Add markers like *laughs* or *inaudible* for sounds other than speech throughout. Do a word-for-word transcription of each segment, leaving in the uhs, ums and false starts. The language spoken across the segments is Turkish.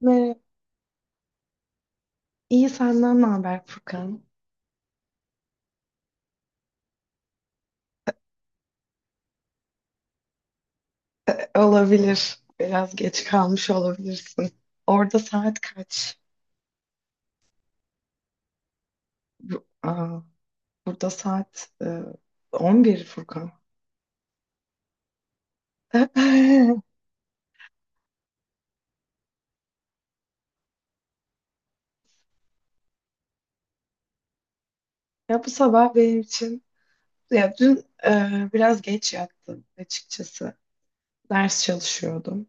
Merhaba. İyi senden ne haber Furkan? E, Olabilir. Biraz geç kalmış olabilirsin. Orada saat kaç? Bu- Aa, burada saat e, on bir Furkan. *laughs* Ya bu sabah benim için ya dün e, biraz geç yattım açıkçası. Ders çalışıyordum.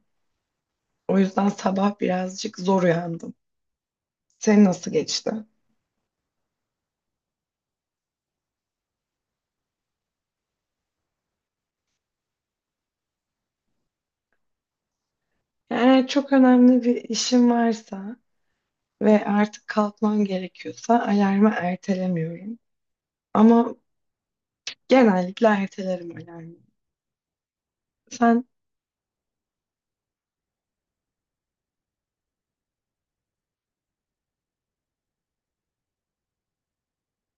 O yüzden sabah birazcık zor uyandım. Senin nasıl geçti? Eğer çok önemli bir işim varsa ve artık kalkmam gerekiyorsa alarmı ertelemiyorum. Ama genellikle ertelerim alarmı. Sen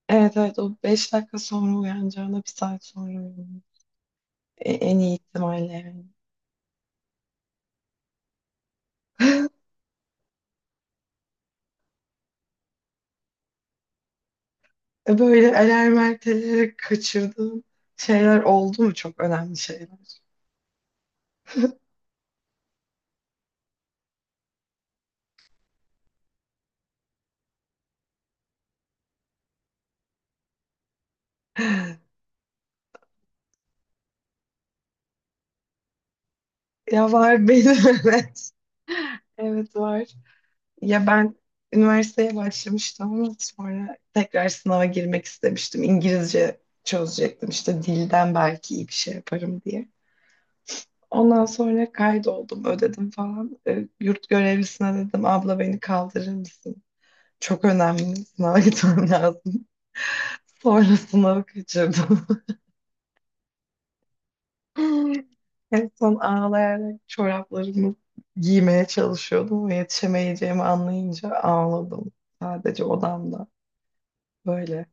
evet evet o beş dakika sonra uyanacağına bir saat sonra uyanıyorsun. E, en iyi ihtimalle yani. *laughs* Böyle alarm erteleyerek kaçırdığım şeyler oldu mu? Çok önemli şeyler. *laughs* Ya var benim *laughs* evet. Evet var. Ya ben üniversiteye başlamıştım ama sonra tekrar sınava girmek istemiştim. İngilizce çözecektim işte dilden belki iyi bir şey yaparım diye. Ondan sonra kaydoldum, ödedim falan. E, yurt görevlisine dedim, abla beni kaldırır mısın? Çok önemli, sınava gitmem lazım. *laughs* Sonra sınavı kaçırdım. *laughs* En son ağlayarak çoraplarımı giymeye çalışıyordum ve yetişemeyeceğimi anlayınca ağladım. Sadece odamda. Böyle.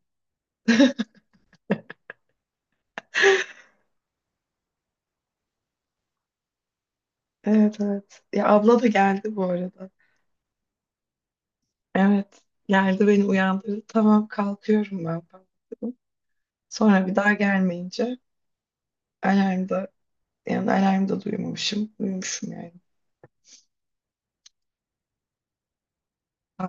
Evet evet. Ya abla da geldi bu arada. Evet. Geldi beni uyandırdı. Tamam kalkıyorum ben falan dedim. Sonra bir daha gelmeyince alarm da yani alarmı da duymamışım. Uyumuşum yani. Ha.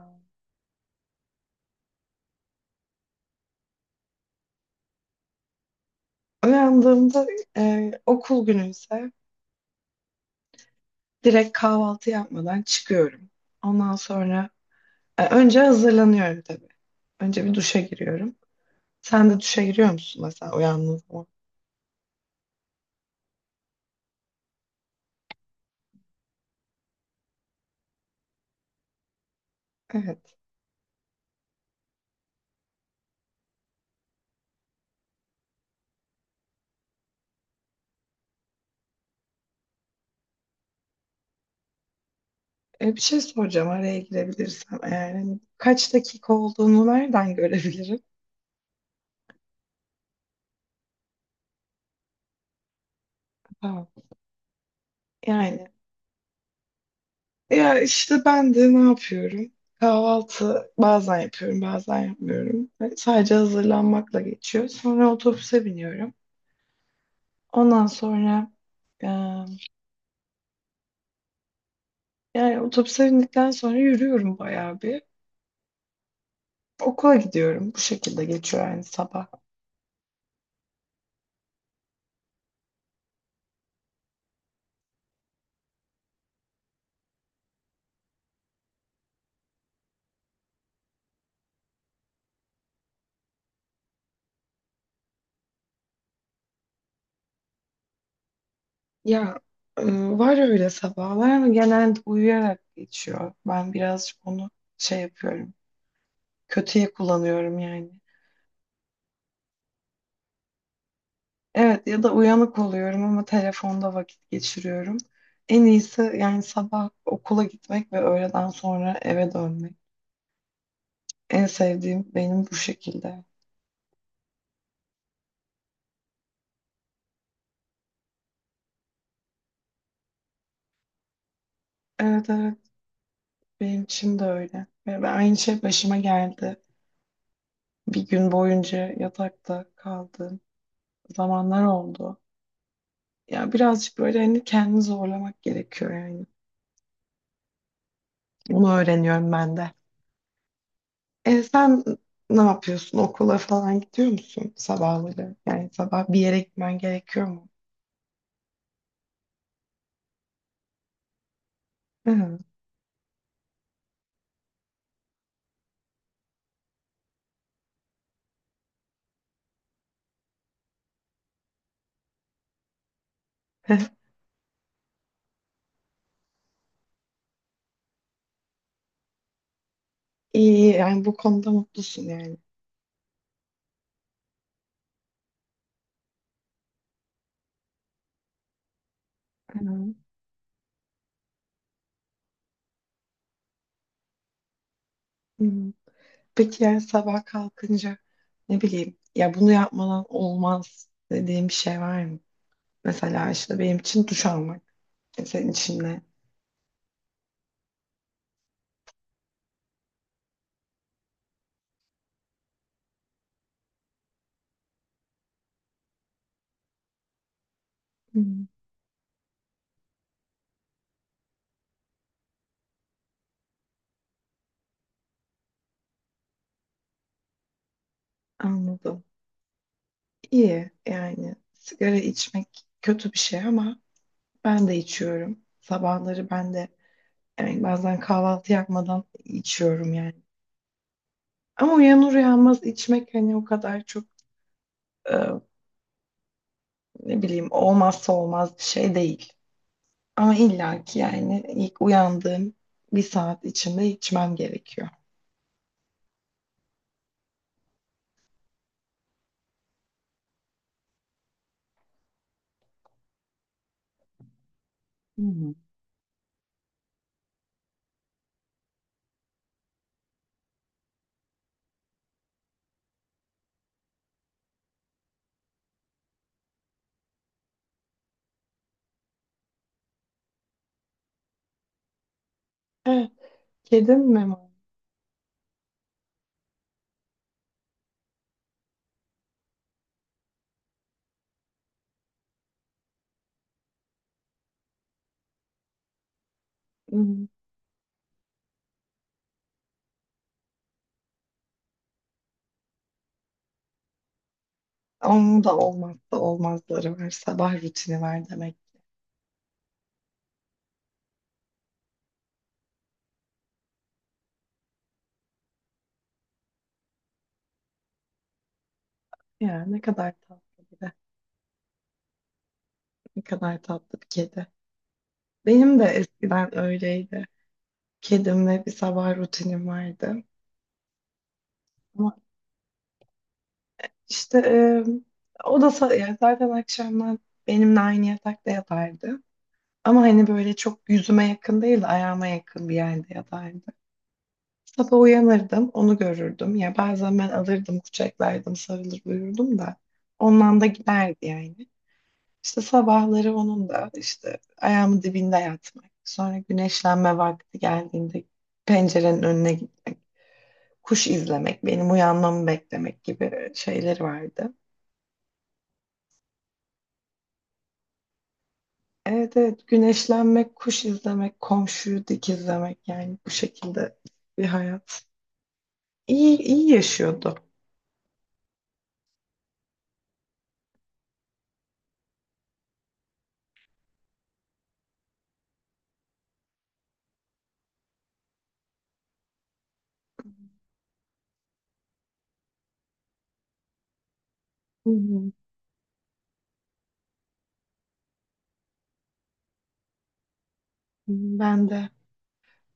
Uyandığımda e, okul günü ise direkt kahvaltı yapmadan çıkıyorum. Ondan sonra e, önce hazırlanıyorum tabii. Önce bir duşa giriyorum. Sen de duşa giriyor musun mesela uyandığın zaman? Evet. E, bir şey soracağım araya girebilirsem eğer. Hani kaç dakika olduğunu nereden görebilirim? Tamam. Yani ya işte ben de ne yapıyorum? Kahvaltı bazen yapıyorum, bazen yapmıyorum. Ve sadece hazırlanmakla geçiyor. Sonra otobüse biniyorum. Ondan sonra e, yani otobüse bindikten sonra yürüyorum bayağı bir. Okula gidiyorum. Bu şekilde geçiyor yani sabah. Ya e, var öyle sabahlar ama genelde uyuyarak geçiyor. Ben birazcık onu şey yapıyorum. Kötüye kullanıyorum yani. Evet ya da uyanık oluyorum ama telefonda vakit geçiriyorum. En iyisi yani sabah okula gitmek ve öğleden sonra eve dönmek. En sevdiğim benim bu şekilde. Evet evet benim için de öyle. Ve ben aynı şey başıma geldi. Bir gün boyunca yatakta kaldığım zamanlar oldu. Ya birazcık böyle hani kendini zorlamak gerekiyor yani. Bunu öğreniyorum ben de. E, sen ne yapıyorsun? Okula falan gidiyor musun sabahları? Yani sabah bir yere gitmen gerekiyor mu? Hı. *laughs* İyi iyi yani bu konuda mutlusun yani. Hı. Hı. Peki yani sabah kalkınca ne bileyim ya bunu yapmadan olmaz dediğim bir şey var mı? Mesela işte benim için duş almak. E, Senin için ne? Hı. Anladım. İyi yani sigara içmek kötü bir şey ama ben de içiyorum. Sabahları ben de yani bazen kahvaltı yapmadan içiyorum yani. Ama uyanır uyanmaz içmek hani o kadar çok ne bileyim olmazsa olmaz bir şey değil. Ama illa ki yani ilk uyandığım bir saat içinde içmem gerekiyor. Hmm. Evet. Kedim mi var? Hmm. Onun da olmazsa olmazları var. Sabah rutini var demek. Ya ne kadar tatlı bir de. Ne kadar tatlı bir kedi. Benim de eskiden öyleydi. Kedimle bir sabah rutinim vardı. Ama işte e, o da sa- yani zaten akşamlar benimle aynı yatakta yatardı. Ama hani böyle çok yüzüme yakın değil de ayağıma yakın bir yerde yatardı. Sabah uyanırdım, onu görürdüm. Ya bazen ben alırdım, kucaklardım, sarılır uyurdum da. Ondan da giderdi yani. İşte sabahları onun da işte ayağımın dibinde yatmak. Sonra güneşlenme vakti geldiğinde pencerenin önüne gitmek, kuş izlemek, benim uyanmamı beklemek gibi şeyleri vardı. Evet evet güneşlenmek, kuş izlemek, komşuyu dikizlemek yani bu şekilde bir hayat. İyi, iyi yaşıyordu. Hı hı. Ben de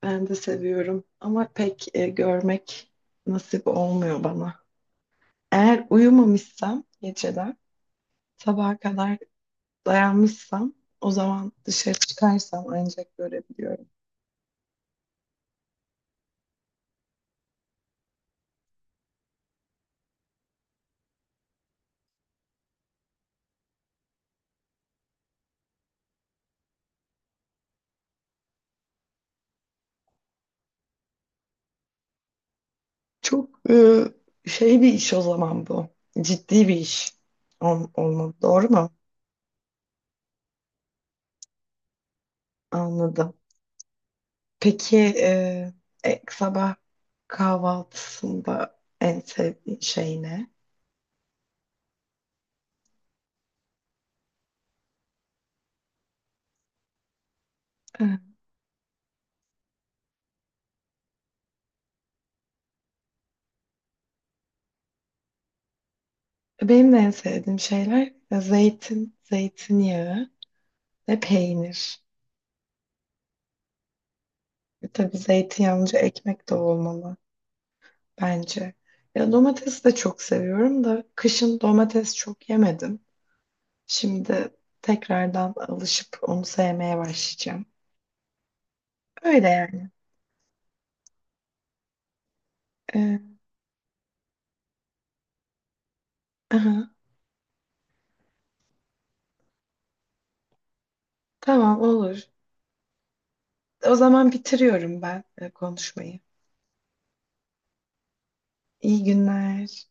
ben de seviyorum ama pek e, görmek nasip olmuyor bana. Eğer uyumamışsam geceler sabaha kadar dayanmışsam o zaman dışarı çıkarsam ancak görebiliyorum. Çok e, şey bir iş o zaman bu. Ciddi bir iş Ol, olmalı. Doğru mu? Anladım. Peki e, e, sabah kahvaltısında en sevdiğin şey ne? Benim de en sevdiğim şeyler e, zeytin, zeytinyağı ve peynir. E tabii zeytinyağlıca ekmek de olmalı bence. Ya domates de çok seviyorum da kışın domates çok yemedim. Şimdi tekrardan alışıp onu sevmeye başlayacağım. Öyle yani. E, aha, tamam olur. O zaman bitiriyorum ben e, konuşmayı. İyi günler.